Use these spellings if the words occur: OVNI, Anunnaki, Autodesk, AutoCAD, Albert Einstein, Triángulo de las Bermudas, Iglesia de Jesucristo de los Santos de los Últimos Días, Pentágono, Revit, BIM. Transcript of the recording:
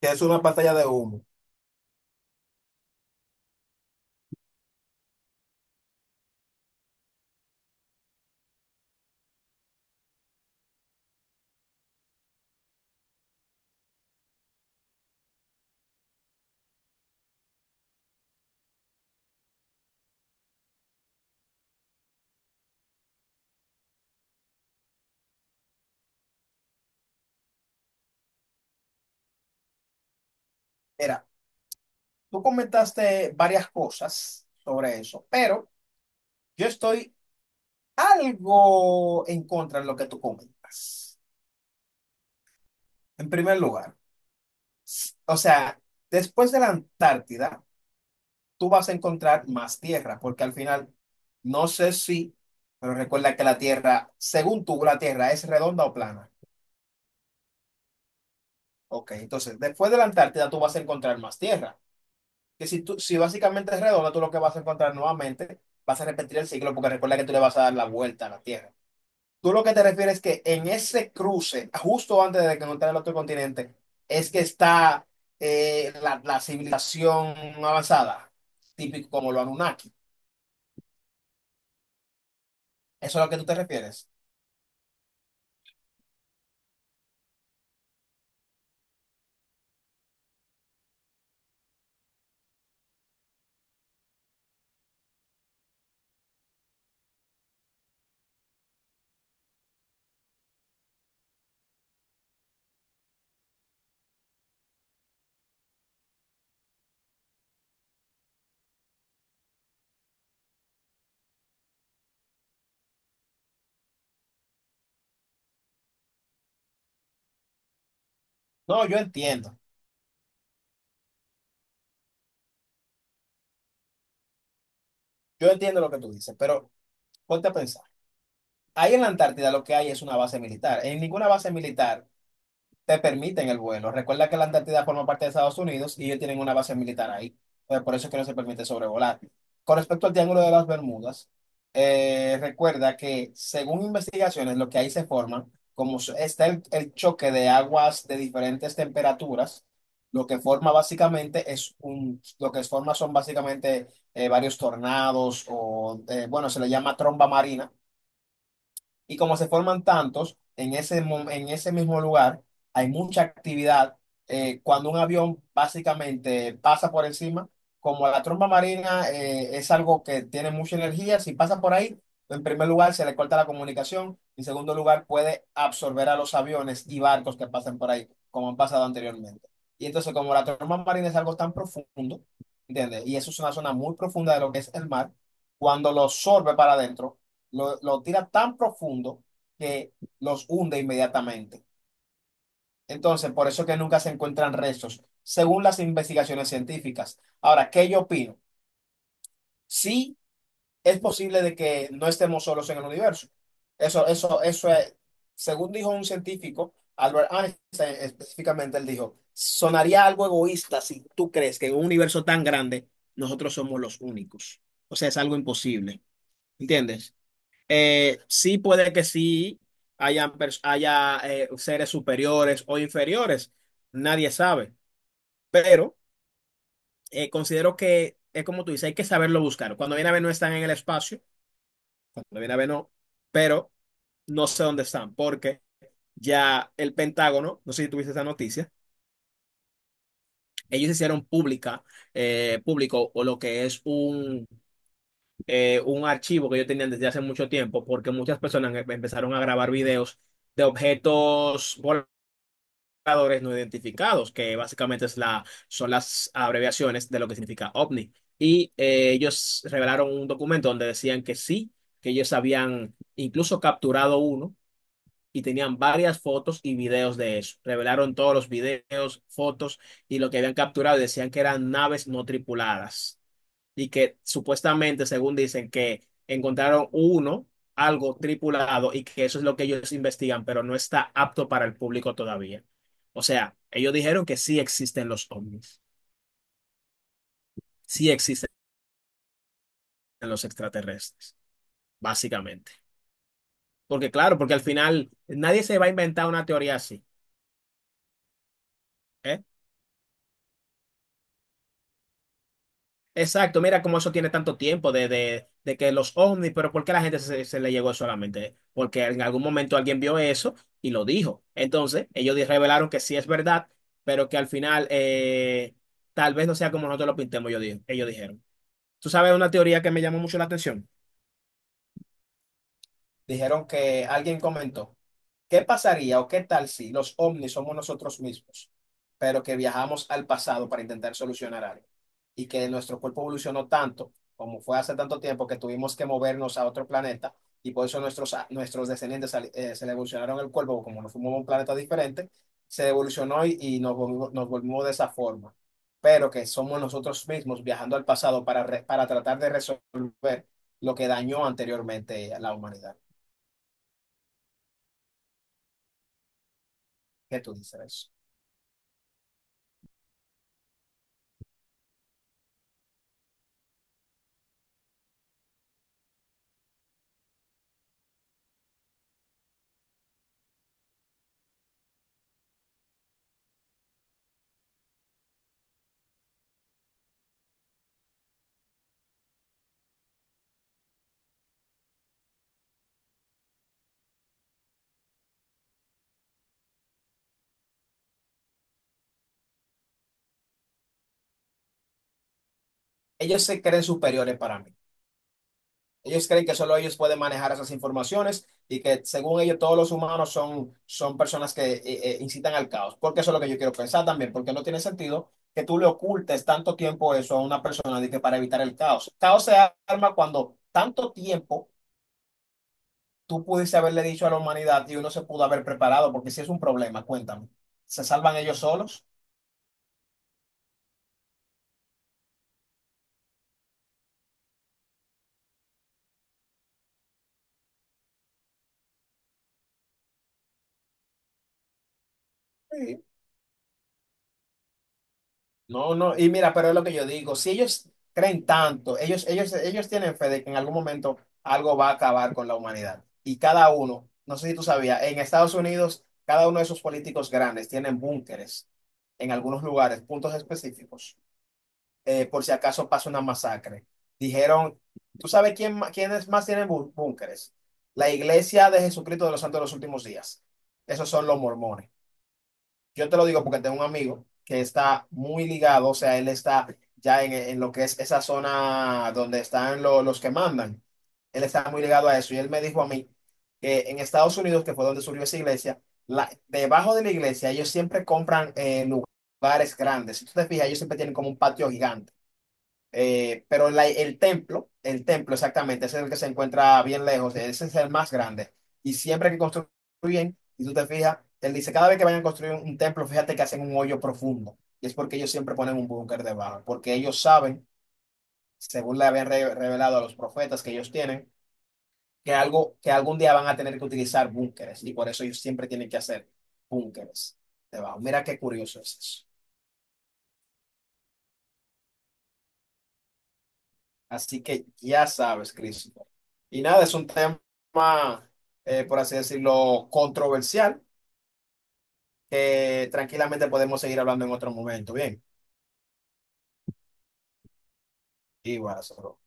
Que es una pantalla de humo. Mira, tú comentaste varias cosas sobre eso, pero yo estoy algo en contra de lo que tú comentas. En primer lugar, o sea, después de la Antártida, tú vas a encontrar más tierra, porque al final, no sé si, pero recuerda que la tierra, según tú, la tierra es redonda o plana. Ok, entonces, después de la Antártida, tú vas a encontrar más tierra. Que si, tú, si básicamente es redonda, tú lo que vas a encontrar nuevamente, vas a repetir el ciclo, porque recuerda que tú le vas a dar la vuelta a la Tierra. Tú lo que te refieres es que en ese cruce, justo antes de que encontrar el otro continente, es que está la civilización avanzada, típico como lo Anunnaki. ¿Eso es a lo que tú te refieres? No, yo entiendo. Yo entiendo lo que tú dices, pero ponte a pensar. Ahí en la Antártida lo que hay es una base militar. En ninguna base militar te permiten el vuelo. Recuerda que la Antártida forma parte de Estados Unidos y ellos tienen una base militar ahí. Pues por eso es que no se permite sobrevolar. Con respecto al Triángulo de las Bermudas, recuerda que según investigaciones, lo que ahí se forma, como está el choque de aguas de diferentes temperaturas, lo que forma básicamente es un, lo que forma son básicamente varios tornados o, bueno, se le llama tromba marina y como se forman tantos en ese, en ese mismo lugar, hay mucha actividad. Cuando un avión básicamente pasa por encima, como la tromba marina es algo que tiene mucha energía, si pasa por ahí, en primer lugar se le corta la comunicación, en segundo lugar puede absorber a los aviones y barcos que pasen por ahí, como han pasado anteriormente. Y entonces como la tromba marina es algo tan profundo, ¿entiendes? Y eso es una zona muy profunda de lo que es el mar, cuando lo absorbe para adentro lo tira tan profundo que los hunde inmediatamente. Entonces, por eso que nunca se encuentran restos, según las investigaciones científicas. Ahora, ¿qué yo opino? Sí, es posible de que no estemos solos en el universo. Eso es, según dijo un científico, Albert Einstein específicamente, él dijo, sonaría algo egoísta si tú crees que en un universo tan grande nosotros somos los únicos. O sea, es algo imposible. ¿Entiendes? Sí puede que sí hayan, haya seres superiores o inferiores, nadie sabe, pero considero que es como tú dices, hay que saberlo buscar. Cuando viene a ver no están en el espacio, cuando viene a ver no, pero no sé dónde están, porque ya el Pentágono, no sé si tuviste esa noticia, ellos hicieron pública, público o lo que es un archivo que ellos tenían desde hace mucho tiempo, porque muchas personas empezaron a grabar videos de objetos voladores buscadores no identificados, que básicamente es la, son las abreviaciones de lo que significa OVNI. Y ellos revelaron un documento donde decían que sí, que ellos habían incluso capturado uno y tenían varias fotos y videos de eso. Revelaron todos los videos, fotos y lo que habían capturado y decían que eran naves no tripuladas y que supuestamente, según dicen, que encontraron uno, algo tripulado y que eso es lo que ellos investigan, pero no está apto para el público todavía. O sea, ellos dijeron que sí existen los ovnis, sí existen los extraterrestres, básicamente. Porque claro, porque al final nadie se va a inventar una teoría así. ¿Eh? Exacto, mira cómo eso tiene tanto tiempo de que los ovnis, pero ¿por qué la gente se le llegó solamente? Porque en algún momento alguien vio eso y lo dijo. Entonces, ellos revelaron que sí es verdad, pero que al final tal vez no sea como nosotros lo pintemos, yo ellos dijeron. ¿Tú sabes una teoría que me llamó mucho la atención? Dijeron que alguien comentó, ¿qué pasaría o qué tal si los ovnis somos nosotros mismos, pero que viajamos al pasado para intentar solucionar algo? Y que nuestro cuerpo evolucionó tanto, como fue hace tanto tiempo, que tuvimos que movernos a otro planeta y por eso nuestros descendientes se le evolucionaron el cuerpo, como nos fuimos a un planeta diferente, se evolucionó y nos volvimos de esa forma. Pero que somos nosotros mismos viajando al pasado para, para tratar de resolver lo que dañó anteriormente a la humanidad. ¿Qué tú dices de eso? Ellos se creen superiores para mí. Ellos creen que solo ellos pueden manejar esas informaciones y que según ellos todos los humanos son, son personas que incitan al caos. Porque eso es lo que yo quiero pensar también, porque no tiene sentido que tú le ocultes tanto tiempo eso a una persona de que para evitar el caos. Caos se arma cuando tanto tiempo tú pudiste haberle dicho a la humanidad y uno se pudo haber preparado, porque si es un problema, cuéntame, ¿se salvan ellos solos? Sí. No, no, y mira, pero es lo que yo digo, si ellos creen tanto, ellos tienen fe de que en algún momento algo va a acabar con la humanidad. Y cada uno, no sé si tú sabías, en Estados Unidos, cada uno de esos políticos grandes tienen búnkeres en algunos lugares, puntos específicos, por si acaso pasa una masacre. Dijeron, ¿tú sabes quién, quiénes más tienen búnkeres? La Iglesia de Jesucristo de los Santos de los Últimos Días. Esos son los mormones. Yo te lo digo porque tengo un amigo que está muy ligado, o sea, él está ya en lo que es esa zona donde están los que mandan. Él está muy ligado a eso y él me dijo a mí que en Estados Unidos, que fue donde surgió esa iglesia, debajo de la iglesia ellos siempre compran lugares grandes. Si tú te fijas, ellos siempre tienen como un patio gigante. Pero la- el templo exactamente, ese es el que se encuentra bien lejos, ese es el más grande. Y siempre que construyen, y tú te fijas, él dice, cada vez que vayan a construir un templo, fíjate que hacen un hoyo profundo. Y es porque ellos siempre ponen un búnker debajo, porque ellos saben, según le habían revelado a los profetas que ellos tienen, que algún día van a tener que utilizar búnkeres. Y por eso ellos siempre tienen que hacer búnkeres debajo. Mira qué curioso es eso. Así que ya sabes, Cristo. Y nada, es un tema, por así decirlo, controversial, que tranquilamente podemos seguir hablando en otro momento. Bien, igual, Soro.